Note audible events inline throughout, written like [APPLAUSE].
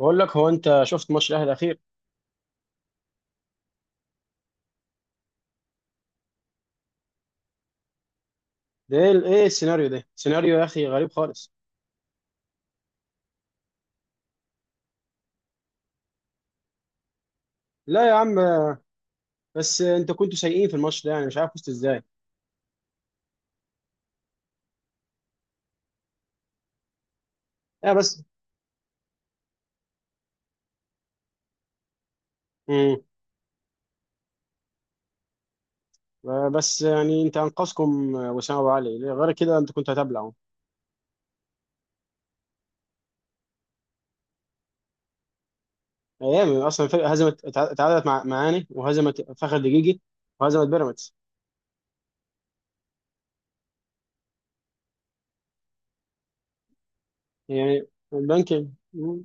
بقول لك، هو انت شفت ماتش الاهلي الاخير؟ ده ايه السيناريو؟ ده سيناريو يا اخي غريب خالص. لا يا عم، بس انت كنتوا سيئين في الماتش ده، يعني مش عارف فزتوا ازاي. اه بس. امم بس يعني انت انقذكم وسام ابو علي ليه؟ غير كده انت كنت هتبلعوا. ايام اصلا الفرقه هزمت، اتعادلت مع معاني، وهزمت فخر دقيقي، وهزمت بيراميدز. يعني البنك، مم،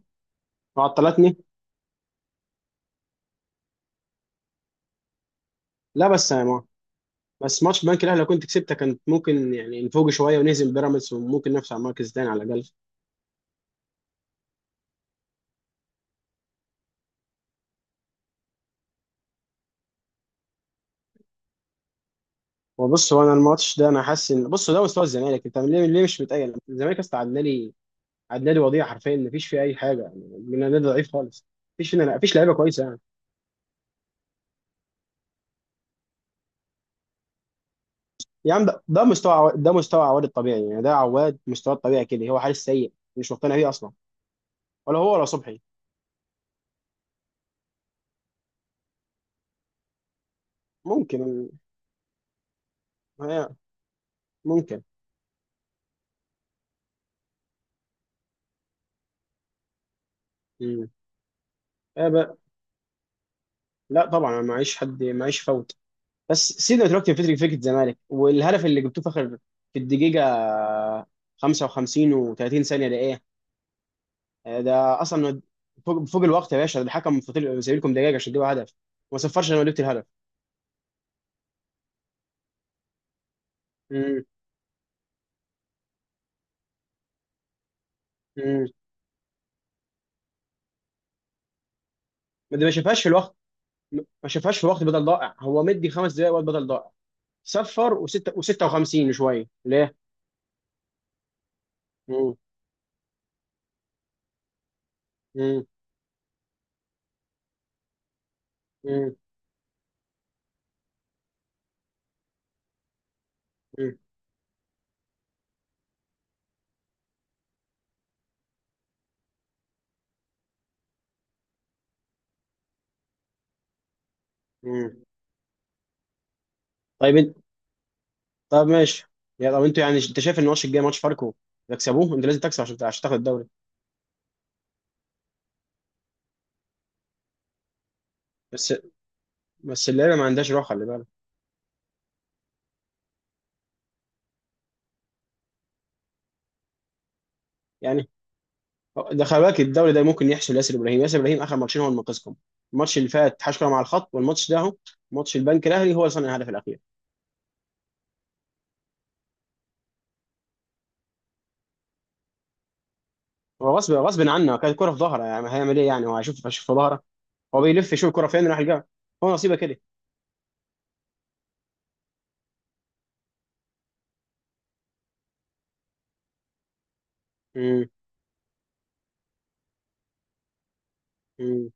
وعطلتني. لا بس يا ما، بس ماتش البنك الاهلي لو كنت كسبته، كانت ممكن يعني نفوق شويه، ونهزم بيراميدز، وممكن نفس على المركز الثاني على الاقل. هو بص، هو انا الماتش ده انا حاسس ان، بص، ده مستوى الزمالك، انت ليه مش متأيل؟ الزمالك اصلا عدى لي. عدى لي وضيع حرفيا، مفيش فيه اي حاجه يعني، من نادي ضعيف خالص. مفيش فينا، مفيش لعيبه كويسه يعني. يا عم، ده مستوى ده مستوى عواد الطبيعي، يعني ده عواد مستواه الطبيعي كده، هو حارس سيء مش مقتنع بيه اصلا. ولا هو ولا صبحي. ممكن، هي- ممكن. امم إيه بقى؟ لا طبعا، أنا معيش حد، معيش فوت. بس سيبنا دلوقتي من فكره الزمالك، والهدف اللي جبتوه في اخر، في الدقيقه 55 و30 ثانيه، ده إيه؟ ده اصلا فوق الوقت يا باشا، ده الحكم فاضل سايبلكم دقايق عشان تجيبوا هدف، وما صفرش لما جبت الهدف. امم امم ما ده ما شافهاش في الوقت. ما شافهاش في وقت بدل ضائع، هو مدي 5 دقايق وقت بدل ضائع. صفر وستة و56 شويه ليه؟ امم امم امم امم امم طيب انت، طب ماشي، يا طب انتوا، يعني انت شايف ان الماتش الجاي ماتش فاركو تكسبوه؟ انت لازم تكسب عشان تاخد الدوري. بس بس اللعيبه ما عندهاش روح، خلي بالك. يعني ده، خلي بالك، الدوري ده ممكن يحسب ياسر ابراهيم، اخر ماتشين هو اللي منقذكم. الماتش اللي فات حشكله مع الخط، والماتش ده اهو. ماتش البنك الاهلي، هو اللي صنع الهدف الاخير. هو غصب غصب عنه، كانت كرة في ظهره، يعني هيعمل ايه يعني؟ هو هيشوف في ظهره؟ هو بيلف يشوف الكرة فين، راح يلقاها. هو نصيبه كده. امم امم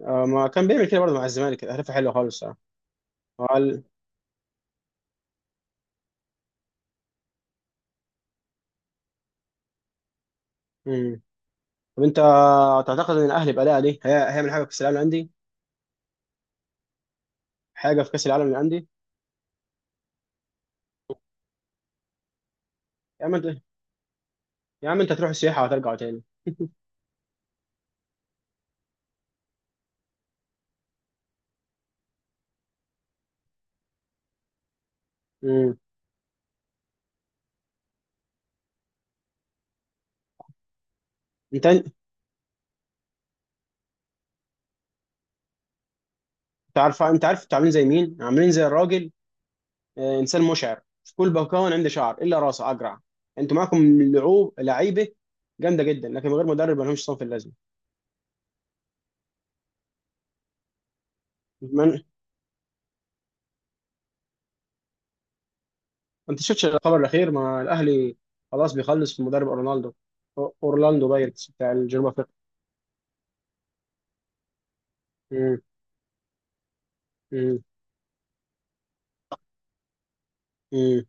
ما كان بيعمل كده برضه مع الزمالك، اهدافه حلوه خالص. آه. قال. امم طب انت تعتقد ان الاهلي باداء دي، هيعمل حاجه في كاس العالم للانديه؟ حاجه في كاس العالم للانديه. يا عم انت يا عم انت تروح السياحه وترجع تاني. [LAUGHS] امم انت تعرف، انت عارف انتوا عاملين زي مين؟ عاملين زي الراجل. انسان مشعر، في كل، بكون عنده شعر الا راسه اجرع. انتوا معاكم لعوب، لعيبه جامده جدا، لكن من غير مدرب ما لهمش، صنف اللازمه. ما انت شفتش الخبر الاخير؟ ما الاهلي، خلاص بيخلص في مدرب اورلاندو، اورلاندو بايرتس بتاع الجنوب افريقيا. مم، مم، مم،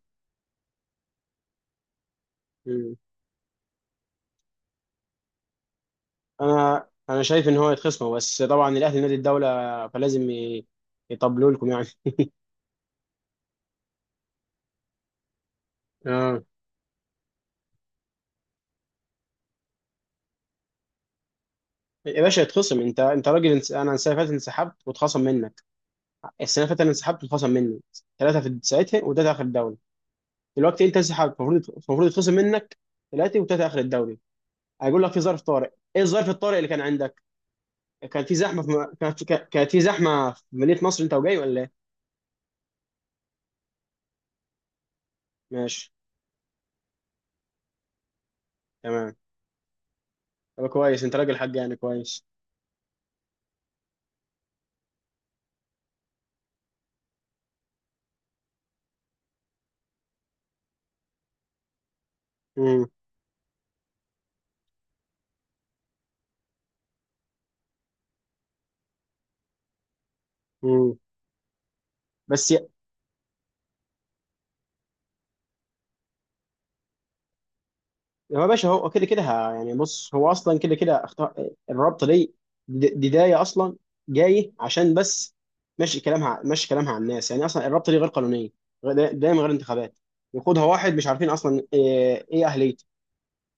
مم. انا شايف ان هو يتخصموا، بس طبعا الاهلي نادي الدوله، فلازم يطبلوا لكم يعني. اه يا باشا، يتخصم، انت راجل، انا السنه اللي فاتت انسحبت واتخصم منك. السنه اللي فاتت انا انسحبت واتخصم مني ثلاثه في ساعتها، وده اخر الدوري. دلوقتي انت انسحبت، المفروض يتخصم منك ثلاثه، وثلاثه اخر الدوري. هيقول لك في ظرف طارئ. ايه الظرف الطارئ اللي كان عندك؟ كان في زحمه في، كانت في زحمه في مدينه نصر انت وجاي ولا ايه؟ ماشي، تمام، طب كويس، انت راجل حق يعني، كويس. امم امم بس هو يا باشا، هو كده كده، يعني بص، هو اصلا كده كده اختار الرابطه دي. بدايه اصلا جاي عشان بس ماشي كلامها، ماشي كلامها على الناس يعني، اصلا الرابطه دي غير قانونيه. دايما غير انتخابات، يقودها واحد مش عارفين اصلا ايه اهليته.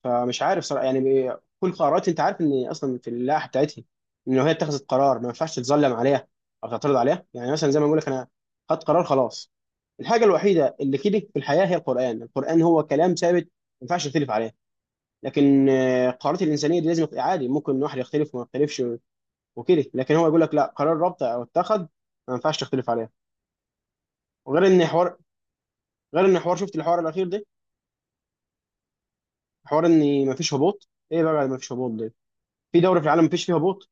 فمش عارف صراحه يعني، كل قرارات، انت عارف ان اصلا في اللائحه بتاعتها ان هي اتخذت قرار ما ينفعش تتظلم عليها او تعترض عليها، يعني مثلا زي ما بقول لك، انا خدت قرار خلاص. الحاجه الوحيده اللي كده في الحياه هي القران. القران هو كلام ثابت، ما ينفعش تختلف عليه. لكن القرارات الانسانيه دي لازم تبقى عادي، ممكن واحد يختلف وما يختلفش وكده. لكن هو يقول لك لا، قرار ربط او اتخذ، ما ينفعش تختلف عليه. وغير ان حوار غير ان حوار، شفت الحوار الاخير ده؟ حوار ان ما فيش هبوط، ايه بقى ما فيش هبوط ده؟ في دوري في العالم ما فيش فيه هبوط.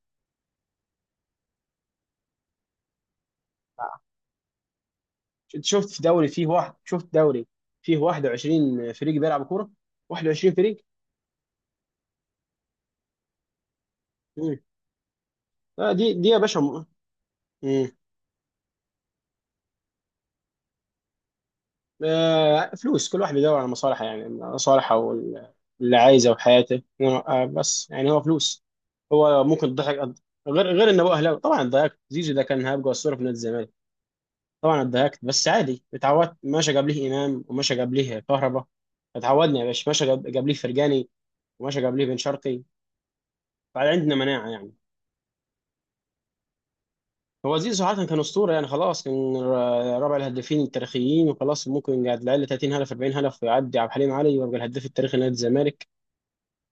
انت شفت في دوري فيه واحد؟ شفت دوري فيه 21 فريق بيلعب كوره، 21 فريق. مم. دي يا باشا، مم. فلوس، كل واحد بيدور على مصالحه يعني، مصالحه وال- اللي عايزه وحياته. بس يعني هو فلوس. هو ممكن تضحك. غير انه هو اهلاوي طبعا اتضايقت، زيزو ده كان هيبقى اسطوره في نادي الزمالك. طبعا اتضايقت، بس عادي اتعودت، ماشي جاب ليه امام، وماشي جاب ليه كهربا. اتعودنا يا باشا، ماشي جاب ليه فرجاني، وماشي جاب ليه بن شرقي. فعندنا مناعه يعني. هو زيزو صراحه كان اسطوره يعني، خلاص كان رابع الهدافين التاريخيين، وخلاص ممكن يقعد العيال 30 هدف، 40 هدف، ويعدي عبد الحليم علي ويبقى الهداف التاريخي لنادي الزمالك.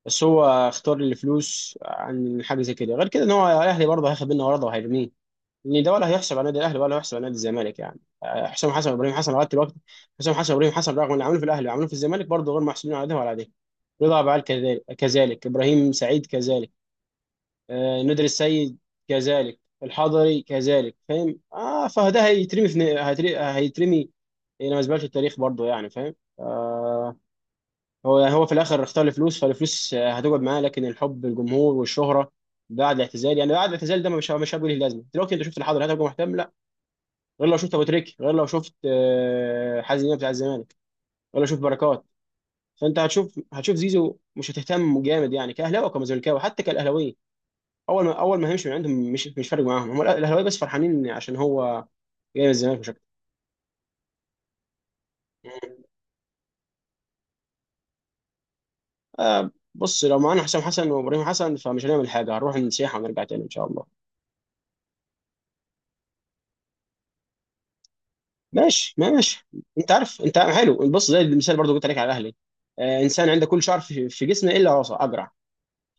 بس هو اختار الفلوس عن حاجه زي كده، غير كده ان هو الاهلي برضه هياخد منه عرضه وهيرميه. ان ده ولا هيحسب على نادي الاهلي ولا هيحسب على نادي الزمالك يعني، حسام حسن وابراهيم حسن لغايه دلوقتي. حسام حسن وابراهيم حسن رغم اللي عملوه في الاهلي وعملوه في الزمالك، برضه غير محسوبين على ده ولا على ده. رضا أبو علي كذلك، كذلك ابراهيم سعيد كذلك، ندر السيد كذلك، الحضري كذلك، فاهم؟ اه، فده هيترمي في هيترمي هيترمي الى مزبله التاريخ برضه يعني، فاهم؟ آه. هو يعني، هو في الاخر اختار الفلوس، فالفلوس هتقعد معاه، لكن الحب، الجمهور، والشهره بعد الاعتزال يعني، بعد الاعتزال ده مش هيبقى ليه لازمه، دلوقتي انت شفت الحاضر هتبقى مهتم؟ لا، غير لو شفت ابو تريكه، غير لو شفت حازم امام بتاع الزمالك، غير لو شفت بركات. فانت هتشوف زيزو مش هتهتم جامد يعني، كاهلاوي وكمزملكاوي، حتى كالاهلاوي. اول ما هيمشي من عندهم مش فارق معاهم، هم الاهلاوي بس فرحانين عشان هو جاي من الزمالك مش اكتر. بص لو معانا حسام حسن وابراهيم حسن، فمش هنعمل حاجه، هنروح نسيحه ونرجع تاني ان شاء الله. ماشي، انت عارف، انت حلو بص، زي المثال برضو قلت عليك على الاهلي. آه، انسان عنده كل شعر في جسمه الا راسه اجرع.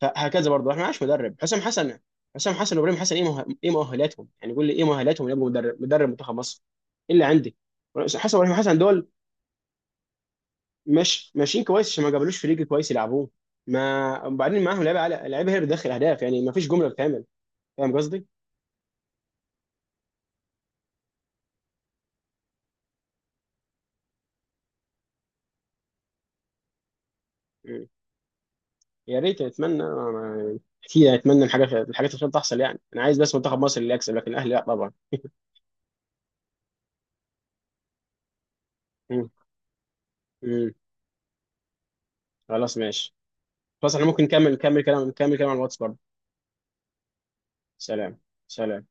فهكذا برضو احنا معناش مدرب. حسام حسن، حسام حسن وابراهيم حسن ايه، ايه مؤهلاتهم يعني؟ قول لي ايه مؤهلاتهم يبقوا مدرب منتخب مصر؟ ايه اللي عندي؟ حسن وابراهيم حسن دول مش ماشيين كويس، عشان ما جابلوش فريق كويس يلعبوه. ما، وبعدين معاهم لعيبه على لعيبه هي اللي بتدخل اهداف يعني، ما فيش جمله بتتعمل. فاهم قصدي؟ يا ريت، اتمنى أنا كتير، اتمنى الحاجات الخير تحصل يعني، انا عايز بس منتخب مصر اللي يكسب، لكن الاهلي لا طبعا. مم. مم. خلاص ماشي. خلاص احنا ممكن نكمل كلام على الواتس برضه. سلام. سلام.